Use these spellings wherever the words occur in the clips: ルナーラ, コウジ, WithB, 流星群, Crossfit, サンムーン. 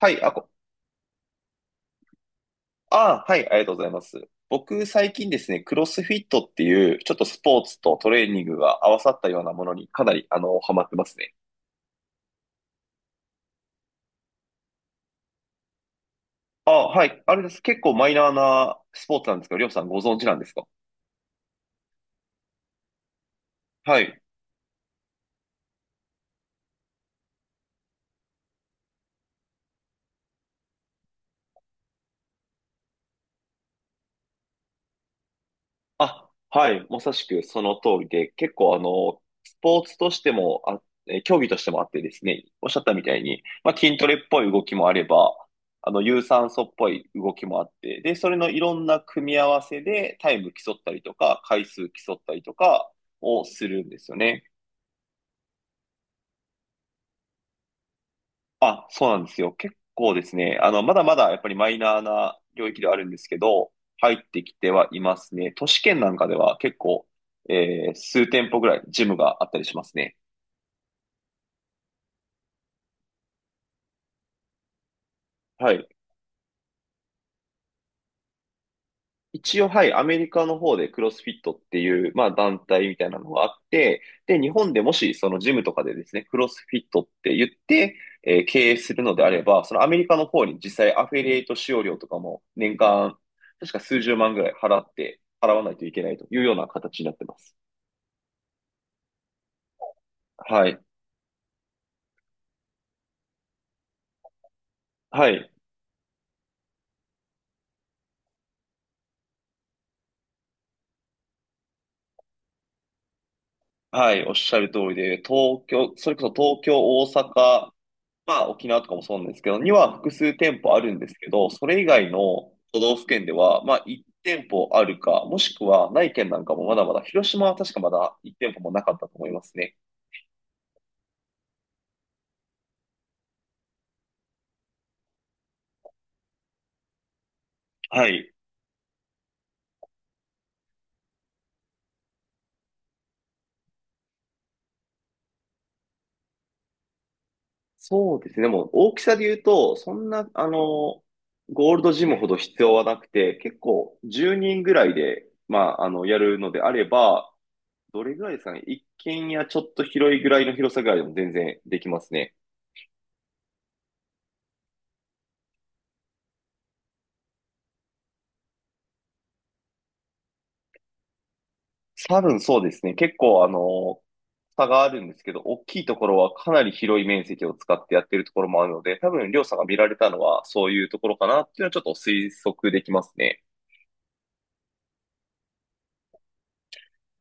はい、はい、ありがとうございます。僕、最近ですね、クロスフィットっていう、ちょっとスポーツとトレーニングが合わさったようなものにかなり、ハマってますね。あ、はい、あれです。結構マイナーなスポーツなんですけど、りょうさんご存知なんですか？はい。あ、はい、まさしくその通りで、結構スポーツとしても競技としてもあってですね、おっしゃったみたいに、まあ、筋トレっぽい動きもあれば、有酸素っぽい動きもあって、で、それのいろんな組み合わせでタイム競ったりとか、回数競ったりとかをするんですよね。あ、そうなんですよ。結構ですね、まだまだやっぱりマイナーな領域ではあるんですけど、入ってきてはいますね。都市圏なんかでは結構、数店舗ぐらいジムがあったりしますね。はい。一応、はい、アメリカの方でクロスフィットっていう、まあ、団体みたいなのがあって、で、日本でもし、そのジムとかでですね、クロスフィットって言って、経営するのであれば、そのアメリカの方に実際アフィリエイト使用料とかも年間、確か数十万ぐらい払って、払わないといけないというような形になってます。はい。はい。はい。おっしゃる通りで、東京、それこそ東京、大阪、まあ、沖縄とかもそうなんですけど、には複数店舗あるんですけど、それ以外の都道府県では、まあ、1店舗あるか、もしくはない県なんかもまだまだ、広島は確かまだ1店舗もなかったと思いますね。はい。そうですね。もう大きさで言うと、そんな、ゴールドジムほど必要はなくて、結構10人ぐらいで、やるのであれば、どれぐらいですかね。一軒家ちょっと広いぐらいの広さぐらいでも全然できますね。多分そうですね。結構差があるんですけど、大きいところはかなり広い面積を使ってやってるところもあるので、多分、りょうさんが見られたのはそういうところかなっていうのはちょっと推測できますね。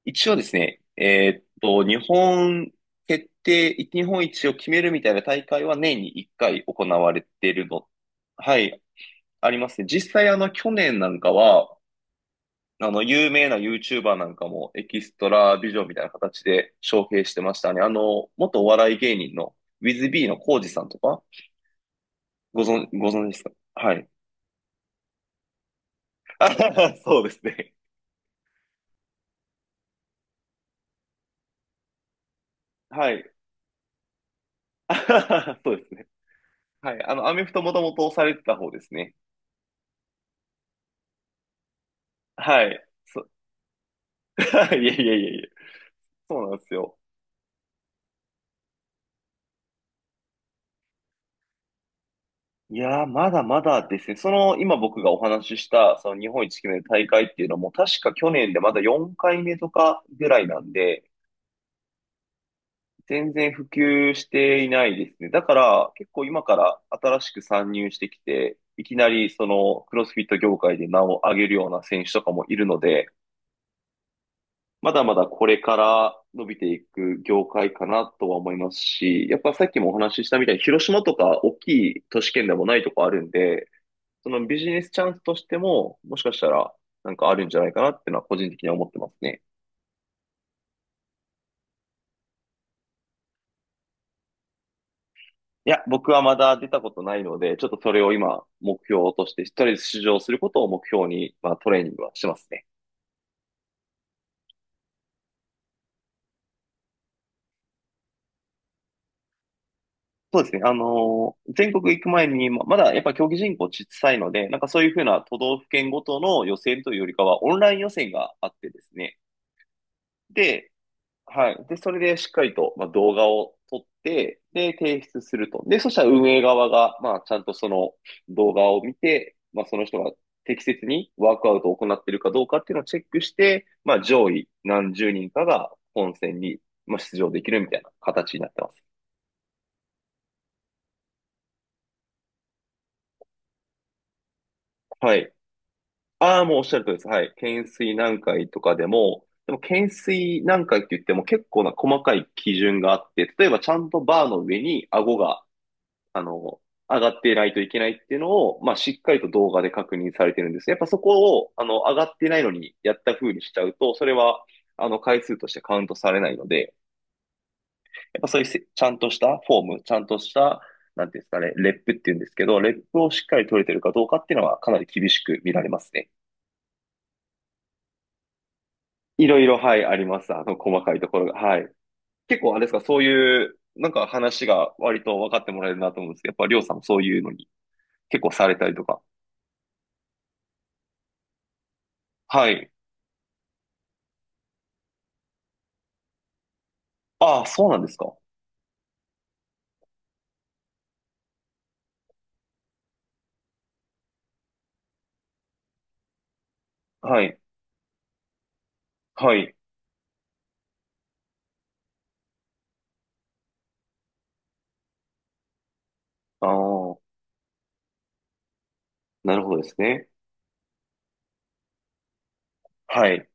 一応ですね、日本一を決めるみたいな大会は年に1回行われているの。はい、ありますね。実際去年なんかは、有名な YouTuber なんかもエキストラビジョンみたいな形で招聘してましたね。あの、元お笑い芸人の WithB のコウジさんとか、ご存知ですか？はい。あははそうですね。はい。あははそうですね。はい。あの、アメフトもともとされてた方ですね。はい。いやいやいやいや。そうなんですよ。いやー、まだまだですね。その、今僕がお話しした、その日本一決める大会っていうのも、確か去年でまだ4回目とかぐらいなんで、全然普及していないですね。だから、結構今から新しく参入してきて、いきなりそのクロスフィット業界で名を上げるような選手とかもいるので、まだまだこれから伸びていく業界かなとは思いますし、やっぱさっきもお話ししたみたいに広島とか大きい都市圏でもないとこあるんで、そのビジネスチャンスとしても、もしかしたらなんかあるんじゃないかなっていうのは個人的には思ってますね。いや、僕はまだ出たことないので、ちょっとそれを今目標として、とりあえず出場することを目標に、まあトレーニングはしてますね。そうですね。全国行く前に、まだやっぱ競技人口小さいので、なんかそういうふうな都道府県ごとの予選というよりかは、オンライン予選があってですね。で、はい。で、それでしっかりと、まあ、動画を撮って、で、提出すると。で、そしたら運営側が、まあ、ちゃんとその動画を見て、まあ、その人が適切にワークアウトを行っているかどうかっていうのをチェックして、まあ、上位何十人かが本戦に、まあ、出場できるみたいな形になってます。はい。ああ、もうおっしゃるとりです。はい。懸垂何回とかでも、でも懸垂何回って言っても結構な細かい基準があって、例えばちゃんとバーの上に顎が、あの、上がっていないといけないっていうのを、まあ、しっかりと動画で確認されてるんですね。やっぱそこを、上がってないのにやった風にしちゃうと、それは、回数としてカウントされないので、やっぱそういうちゃんとしたフォーム、ちゃんとした、なんていうんですかね、レップっていうんですけど、レップをしっかり取れてるかどうかっていうのはかなり厳しく見られますね。いろいろ、はい、あります。あの、細かいところが。はい。結構、あれですか、そういう、なんか話が割と分かってもらえるなと思うんですけど、やっぱりょうさんもそういうのに結構されたりとか。はい。ああ、そうなんですか。はい。はい。ああ、なるほどですね。はい。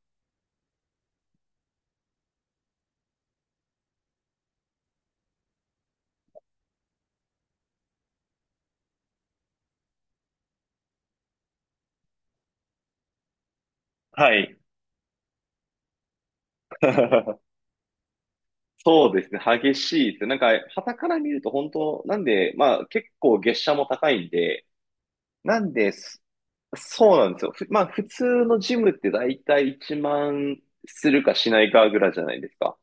はい。そうですね。激しいですね。なんか、傍から見ると本当、なんで、まあ結構月謝も高いんで、なんです、そうなんですよ。まあ普通のジムって大体1万するかしないかぐらいじゃないですか。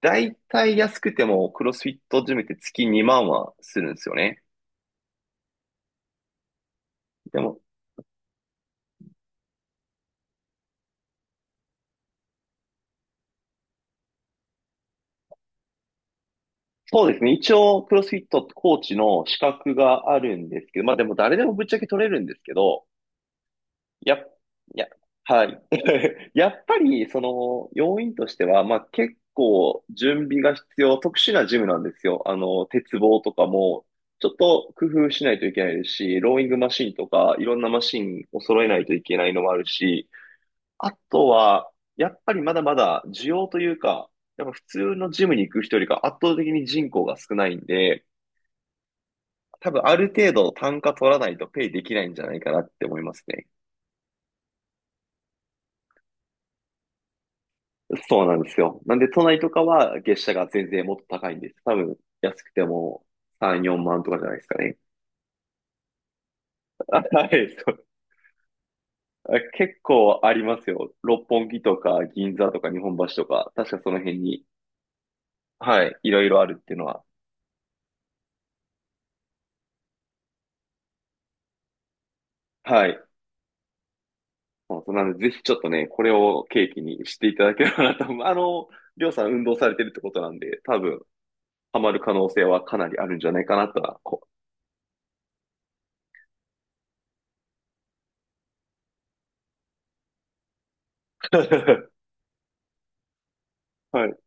だいたい安くてもクロスフィットジムって月2万はするんですよね。でも、そうですね。一応、クロスフィットコーチの資格があるんですけど、まあでも誰でもぶっちゃけ取れるんですけど、やっ、や、はい。やっぱり、その、要因としては、まあ結構準備が必要、特殊なジムなんですよ。あの、鉄棒とかも、ちょっと工夫しないといけないですし、ローイングマシンとか、いろんなマシンを揃えないといけないのもあるし、あとは、やっぱりまだまだ需要というか、やっぱ普通のジムに行く人よりか圧倒的に人口が少ないんで、多分ある程度単価取らないとペイできないんじゃないかなって思いますね。そうなんですよ。なんで都内とかは月謝が全然もっと高いんです。多分安くても3、4万とかじゃないですかね。はい、そう。あ結構ありますよ。六本木とか銀座とか日本橋とか、確かその辺に、はい、いろいろあるっていうのは。はい。そうそうなんで、ぜひちょっとね、これを契機にしていただければなと思う。あの、りょうさん運動されてるってことなんで、多分、ハマる可能性はかなりあるんじゃないかなとは、う。はい。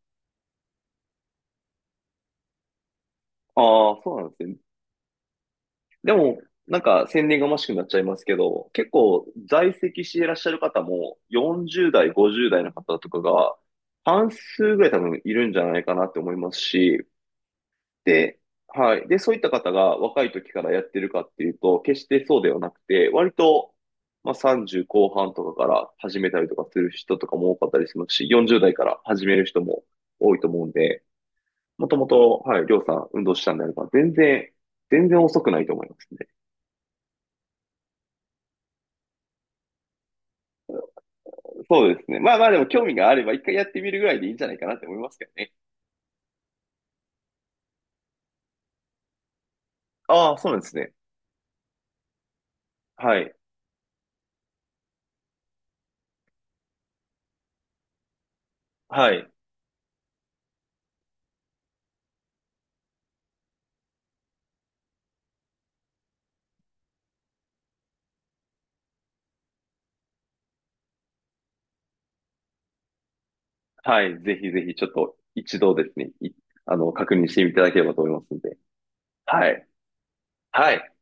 ああ、そうなんですね。でも、なんか、宣伝がましくなっちゃいますけど、結構、在籍していらっしゃる方も、40代、50代の方とかが、半数ぐらい多分いるんじゃないかなって思いますし、で、はい。で、そういった方が若い時からやってるかっていうと、決してそうではなくて、割と、まあ、30後半とかから始めたりとかする人とかも多かったりしますし、40代から始める人も多いと思うんで、もともと、はい、りょうさん運動したんであれば、全然、全然遅くないと思いますね。そうですね。まあまあでも興味があれば一回やってみるぐらいでいいんじゃないかなって思いますけどね。ああ、そうなんですね。はい。はい。はい。ぜひぜひちょっと一度ですね、あの、確認していただければと思いますので。はい。はい。